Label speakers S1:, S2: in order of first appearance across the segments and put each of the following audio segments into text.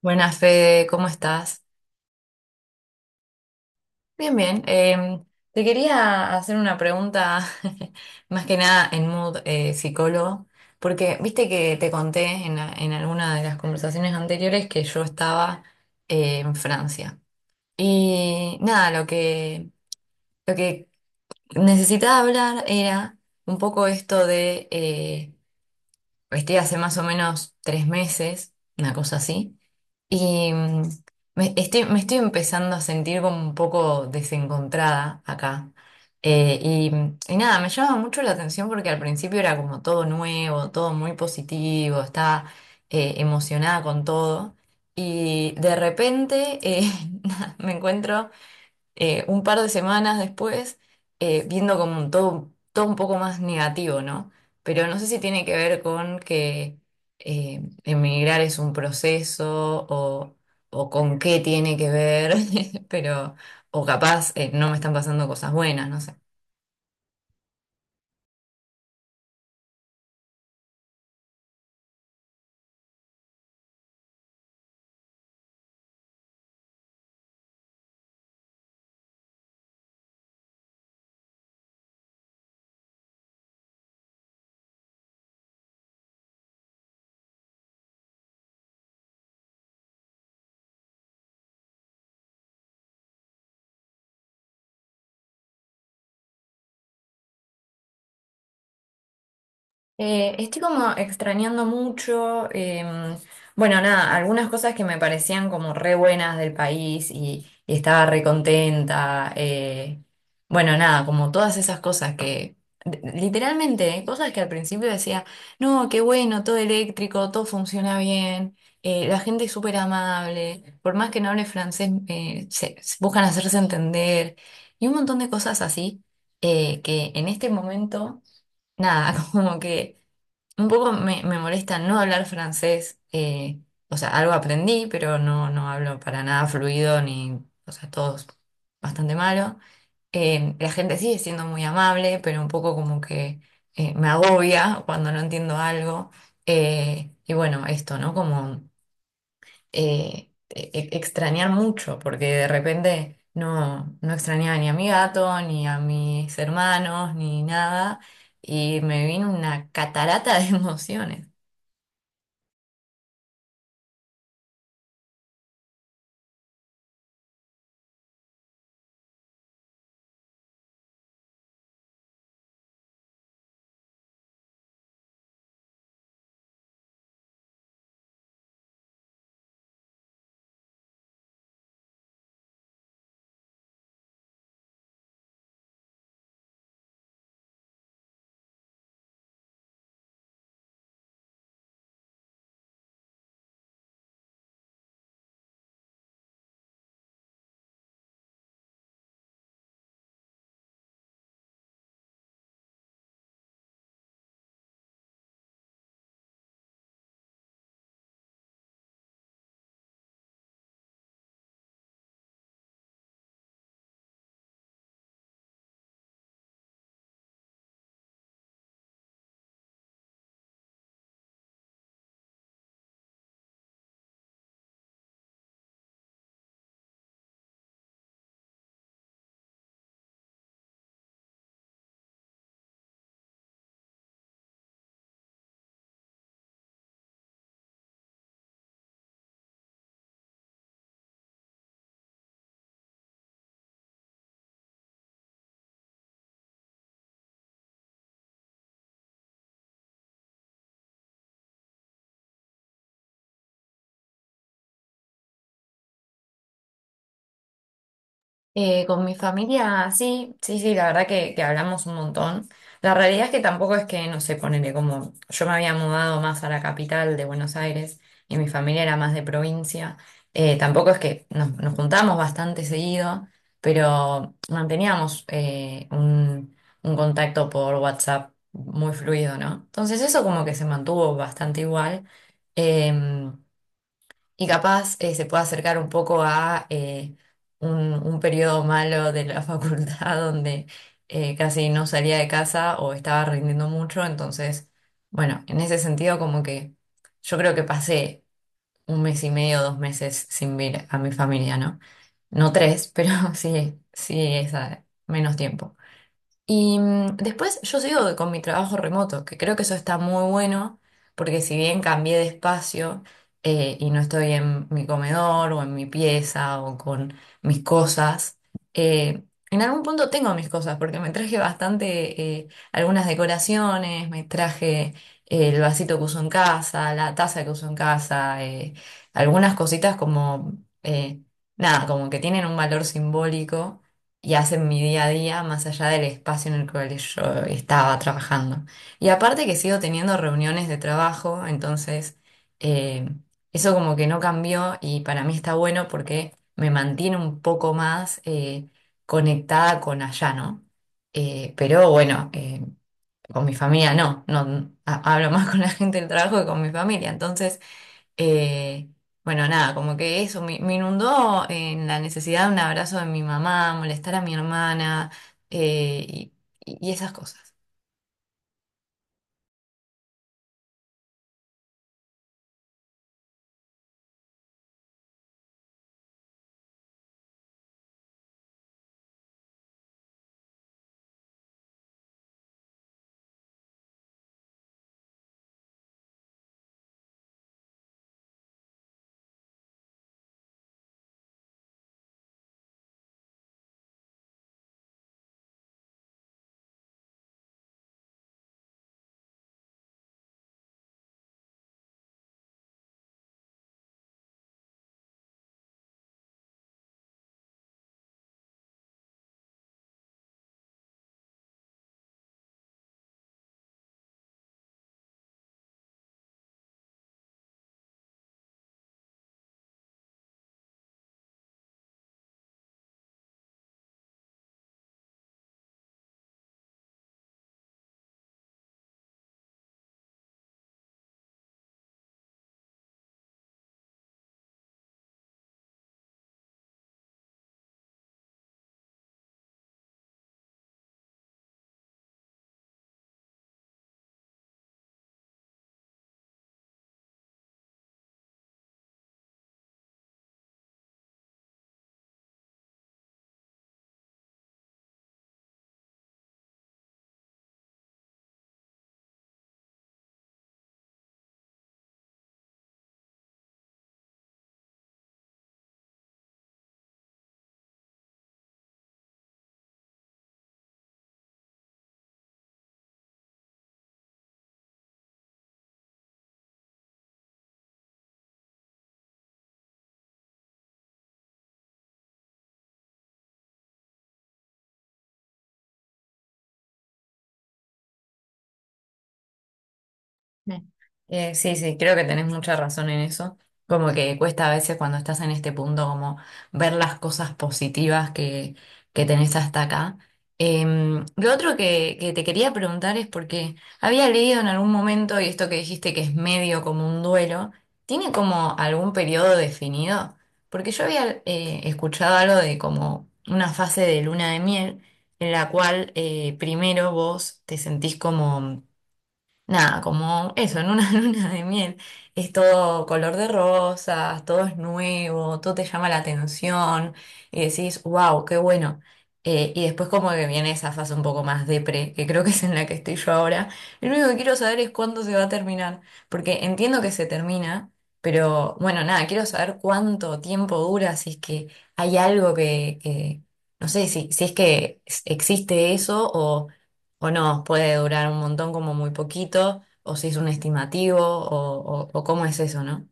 S1: Buenas, Fede, ¿cómo estás? Bien, bien. Te quería hacer una pregunta, más que nada en mood psicólogo, porque viste que te conté en alguna de las conversaciones anteriores que yo estaba en Francia. Y nada, lo que necesitaba hablar era un poco esto de, estoy hace más o menos 3 meses, una cosa así. Y me estoy empezando a sentir como un poco desencontrada acá. Y, y nada, me llama mucho la atención porque al principio era como todo nuevo, todo muy positivo, estaba emocionada con todo. Y de repente nada, me encuentro un par de semanas después, viendo como un todo un poco más negativo, ¿no? Pero no sé si tiene que ver con que emigrar es un proceso o con qué tiene que ver, pero, o capaz no me están pasando cosas buenas, no sé. Estoy como extrañando mucho, bueno, nada, algunas cosas que me parecían como re buenas del país y estaba re contenta, bueno, nada, como todas esas cosas que, literalmente, cosas que al principio decía, no, qué bueno, todo eléctrico, todo funciona bien, la gente es súper amable, por más que no hable francés, se, se buscan hacerse entender, y un montón de cosas así, que en este momento, nada, como que... Un poco me molesta no hablar francés, o sea, algo aprendí, pero no, no hablo para nada fluido ni, o sea, todo es bastante malo. La gente sigue siendo muy amable, pero un poco como que me agobia cuando no entiendo algo. Y bueno, esto, ¿no? Como extrañar mucho, porque de repente no, no extrañaba ni a mi gato, ni a mis hermanos, ni nada, y me vino una catarata de emociones. Con mi familia, sí, sí, sí, la verdad que hablamos un montón. La realidad es que tampoco es que, no sé, ponele como yo me había mudado más a la capital de Buenos Aires y mi familia era más de provincia, tampoco es que nos, nos juntábamos bastante seguido, pero manteníamos un contacto por WhatsApp muy fluido, ¿no? Entonces eso como que se mantuvo bastante igual. Em, y capaz se puede acercar un poco a un periodo malo de la facultad donde casi no salía de casa o estaba rindiendo mucho. Entonces, bueno, en ese sentido como que yo creo que pasé un mes y medio, 2 meses sin ver a mi familia, ¿no? No tres, pero sí, menos tiempo. Y después yo sigo con mi trabajo remoto, que creo que eso está muy bueno, porque si bien cambié de espacio y no estoy en mi comedor o en mi pieza o con mis cosas, eh, en algún punto tengo mis cosas, porque me traje bastante, algunas decoraciones, me traje el vasito que uso en casa, la taza que uso en casa, algunas cositas como, eh, nada, como que tienen un valor simbólico y hacen mi día a día más allá del espacio en el cual yo estaba trabajando. Y aparte que sigo teniendo reuniones de trabajo, entonces eh, eso como que no cambió y para mí está bueno porque me mantiene un poco más conectada con allá, ¿no? Pero bueno, con mi familia no, no, hablo más con la gente del trabajo que con mi familia, entonces... Eh, bueno, nada, como que eso me inundó en la necesidad de un abrazo de mi mamá, molestar a mi hermana eh, y, y esas cosas. Mm. Sí, sí, creo que tenés mucha razón en eso. Como que cuesta a veces cuando estás en este punto como ver las cosas positivas que tenés hasta acá. Lo otro que te quería preguntar es porque había leído en algún momento, y esto que dijiste que es medio como un duelo, ¿tiene como algún periodo definido? Porque yo había escuchado algo de como una fase de luna de miel en la cual primero vos te sentís como... Nada, como eso, en una luna de miel. Es todo color de rosas, todo es nuevo, todo te llama la atención y decís, wow, qué bueno. Y después como que viene esa fase un poco más depre, que creo que es en la que estoy yo ahora. Lo único que quiero saber es cuándo se va a terminar, porque entiendo que se termina, pero bueno, nada, quiero saber cuánto tiempo dura, si es que hay algo no sé, si, si es que existe eso o... O no, puede durar un montón como muy poquito, o si es un estimativo, o, o cómo es eso, ¿no?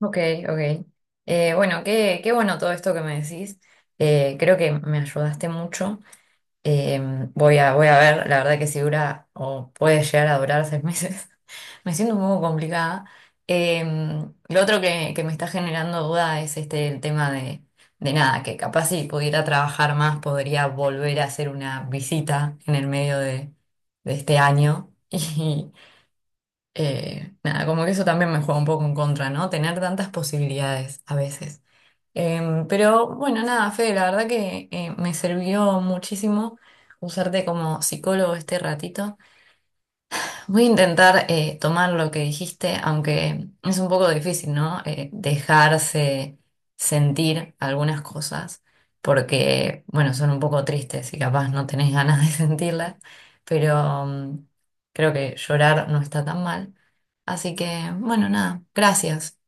S1: Ok, ok. Bueno, qué, qué bueno todo esto que me decís. Creo que me ayudaste mucho. Eh, voy a ver, la verdad que si dura o puede llegar a durar 6 meses, me siento un poco complicada. Eh, lo otro que me está generando duda es este el tema de nada, que capaz si pudiera trabajar más podría volver a hacer una visita en el medio de este año. Y nada, como que eso también me juega un poco en contra, ¿no? Tener tantas posibilidades a veces. Pero bueno, nada, Fede, la verdad que me sirvió muchísimo usarte como psicólogo este ratito. Voy a intentar tomar lo que dijiste, aunque es un poco difícil, ¿no? Dejarse sentir algunas cosas, porque, bueno, son un poco tristes y capaz no tenés ganas de sentirlas, pero creo que llorar no está tan mal. Así que, bueno, nada, gracias.